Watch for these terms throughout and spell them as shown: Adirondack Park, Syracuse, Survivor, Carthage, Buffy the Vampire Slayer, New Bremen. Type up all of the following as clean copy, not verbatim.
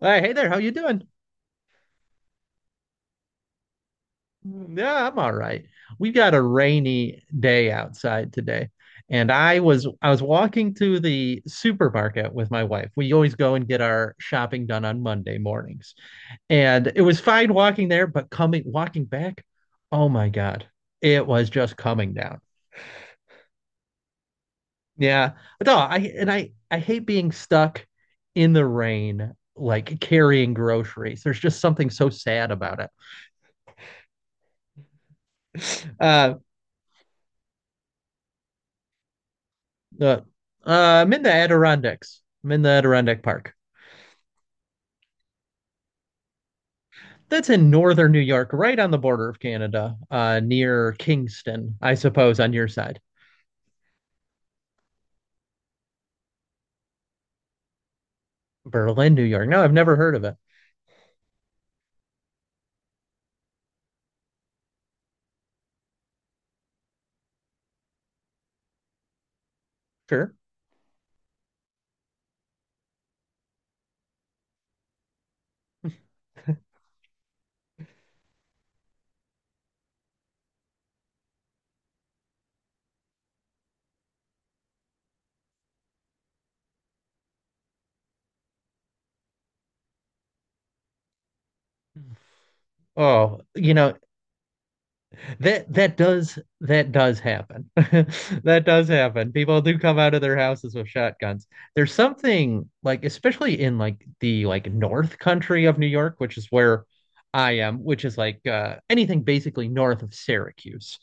Hey, hey there, how you doing? Yeah, I'm all right. We got a rainy day outside today, and I was walking to the supermarket with my wife. We always go and get our shopping done on Monday mornings. And it was fine walking there, but coming walking back, oh my God, it was just coming down. Yeah. No, I and I I hate being stuck in the rain, like carrying groceries. There's just something so sad about it. Uh Uh, uh, I'm in the Adirondacks. I'm in the Adirondack Park. That's in northern New York, right on the border of Canada, near Kingston, I suppose, on your side. Berlin, New York. No, I've never heard of it. Sure. Oh, you know, that does happen. That does happen. People do come out of their houses with shotguns. There's something like, especially in the north country of New York, which is where I am, which is like anything basically north of Syracuse.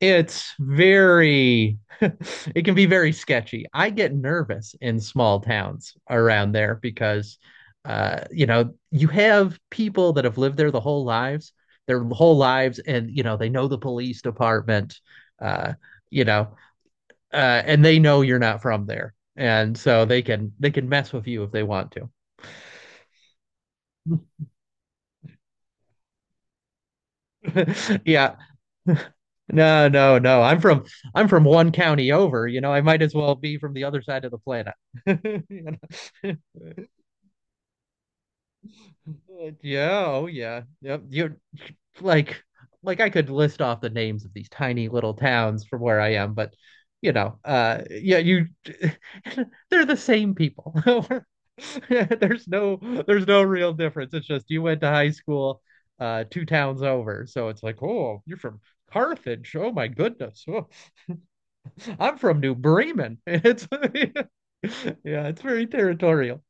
It's very it can be very sketchy. I get nervous in small towns around there because you know, you have people that have lived there the whole lives, their whole lives and you know, they know the police department uh you know, and they know you're not from there. And so they can mess with you if they want to. Yeah. No, no, no. I'm from one county over, you know, I might as well be from the other side of the planet. You know? Yeah, oh yeah. Yep. You're like like I could list off the names of these tiny little towns from where I am, but you know, yeah, you they're the same people. There's no there's no real difference. It's just you went to high school two towns over. So it's like, oh, you're from Carthage. Oh my goodness. Oh, I'm from New Bremen. It's yeah, it's very territorial.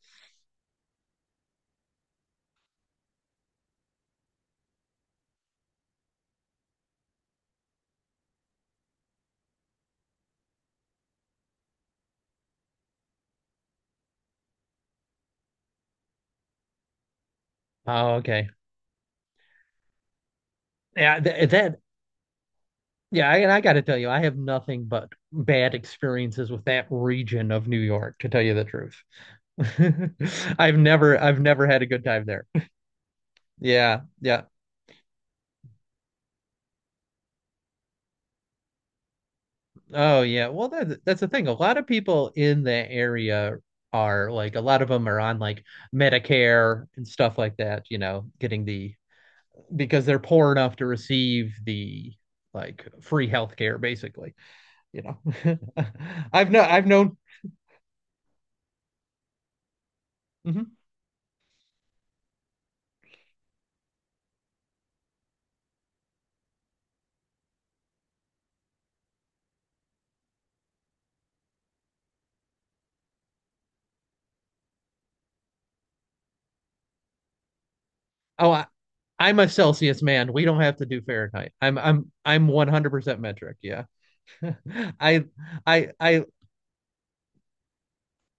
Oh, okay. Yeah, th that Yeah, I- and I got to tell you, I have nothing but bad experiences with that region of New York, to tell you the truth. I've never had a good time there. Yeah, yeah. Oh, yeah. Well, that's the thing. A lot of people in that area are like, a lot of them are on like Medicare and stuff like that, you know, getting the because they're poor enough to receive the like free healthcare, basically, you know. I've no, I've known. Mhm. Oh, I'm a Celsius man. We don't have to do Fahrenheit. I'm 100% metric. Yeah. I I I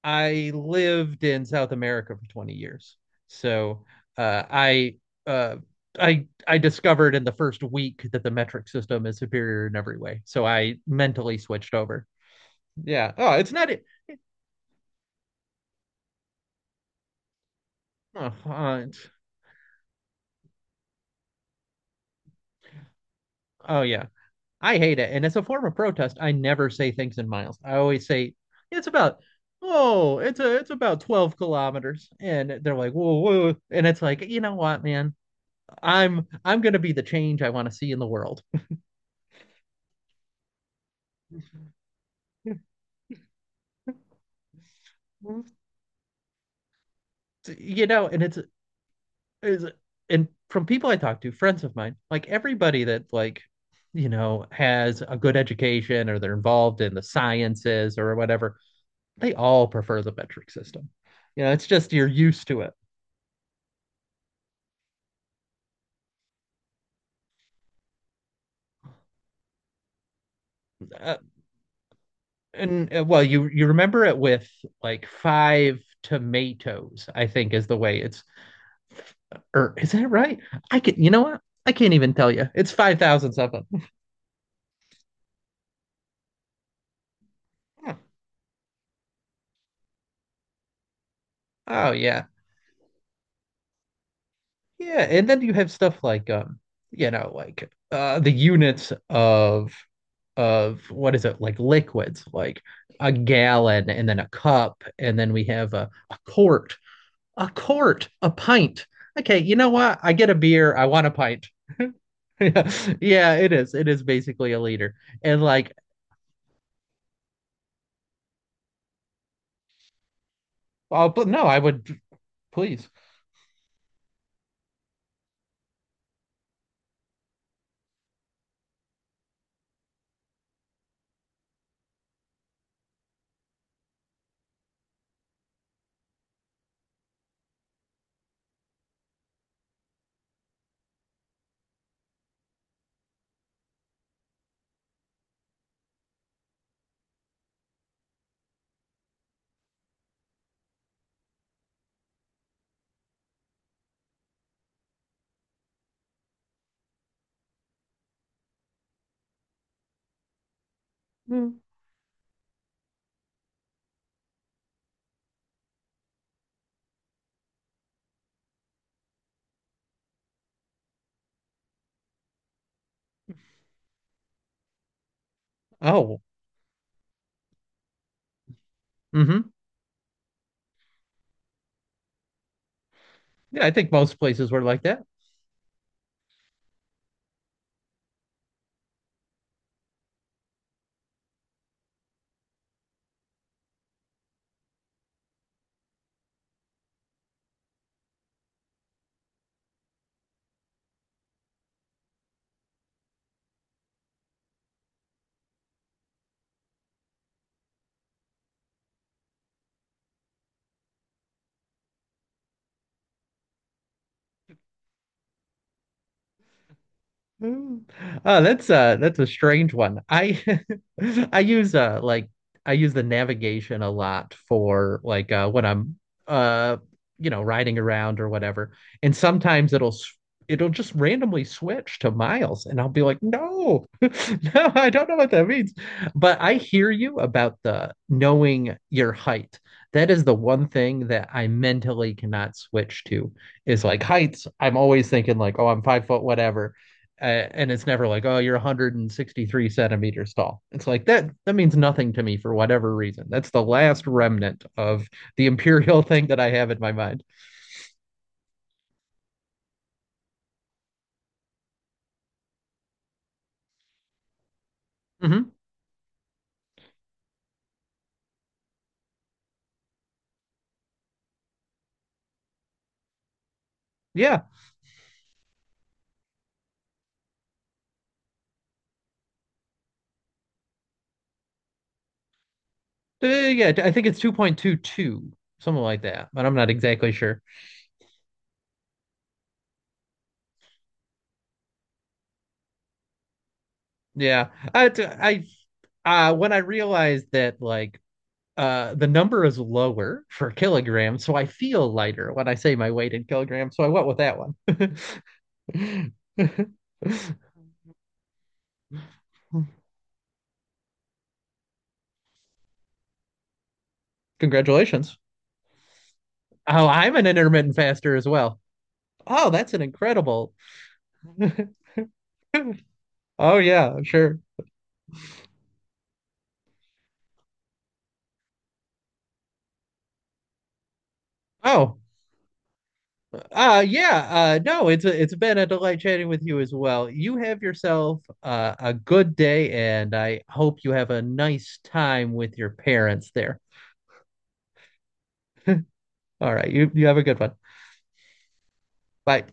I lived in South America for 20 years. So, uh I uh I discovered in the first week that the metric system is superior in every way. So I mentally switched over. Yeah. Oh, it's not it. Oh, oh yeah. I hate it. And as a form of protest, I never say things in miles. I always say it's about oh, it's about 12 kilometers. And they're like, whoa, whoa. And it's like, you know what, man? I'm gonna be the change I want to see in the world. You know, and it's and from people I talk to, friends of mine, like everybody that like you know has a good education or they're involved in the sciences or whatever, they all prefer the metric system. You know, it's just you're used to it. Uh, and well, you remember it with like five tomatoes, I think is the way it's. Or is that right? I can. You know what? I can't even tell you. It's 5,000 something. Hmm. Oh yeah, yeah. And then you have stuff like you know, like the units of what is it like liquids, like a gallon and then a cup, and then we have a quart, a pint. Okay, you know what? I get a beer. I want a pint. Yeah, yeah, it is. It is basically a leader. And like, oh, but no, I would please. Mm. Oh, hmm. Yeah, I think most places were like that. Mm. Oh, that's a strange one. I I use like I use the navigation a lot for like when I'm uh you know riding around or whatever. And it'll just randomly switch to miles and I'll be like, "No. No, I don't know what that means." But I hear you about the knowing your height. That is the one thing that I mentally cannot switch to is like heights. I'm always thinking like, "Oh, I'm 5 foot whatever." And it's never like oh you're 163 centimeters tall, it's like that means nothing to me for whatever reason. That's the last remnant of the imperial thing that I have in my mind. Hmm. Yeah. Yeah I think it's 2.22 something like that but I'm not exactly sure. Yeah. i, I when I realized that the number is lower for kilograms, so I feel lighter when I say my weight in kilograms. So I went with that one. Congratulations. Oh, I'm an intermittent faster as well. Oh, that's an incredible. Oh yeah, sure. Oh, yeah. No, it's been a delight chatting with you as well. You have yourself a good day, and I hope you have a nice time with your parents there. All right, you have a good one. Bye.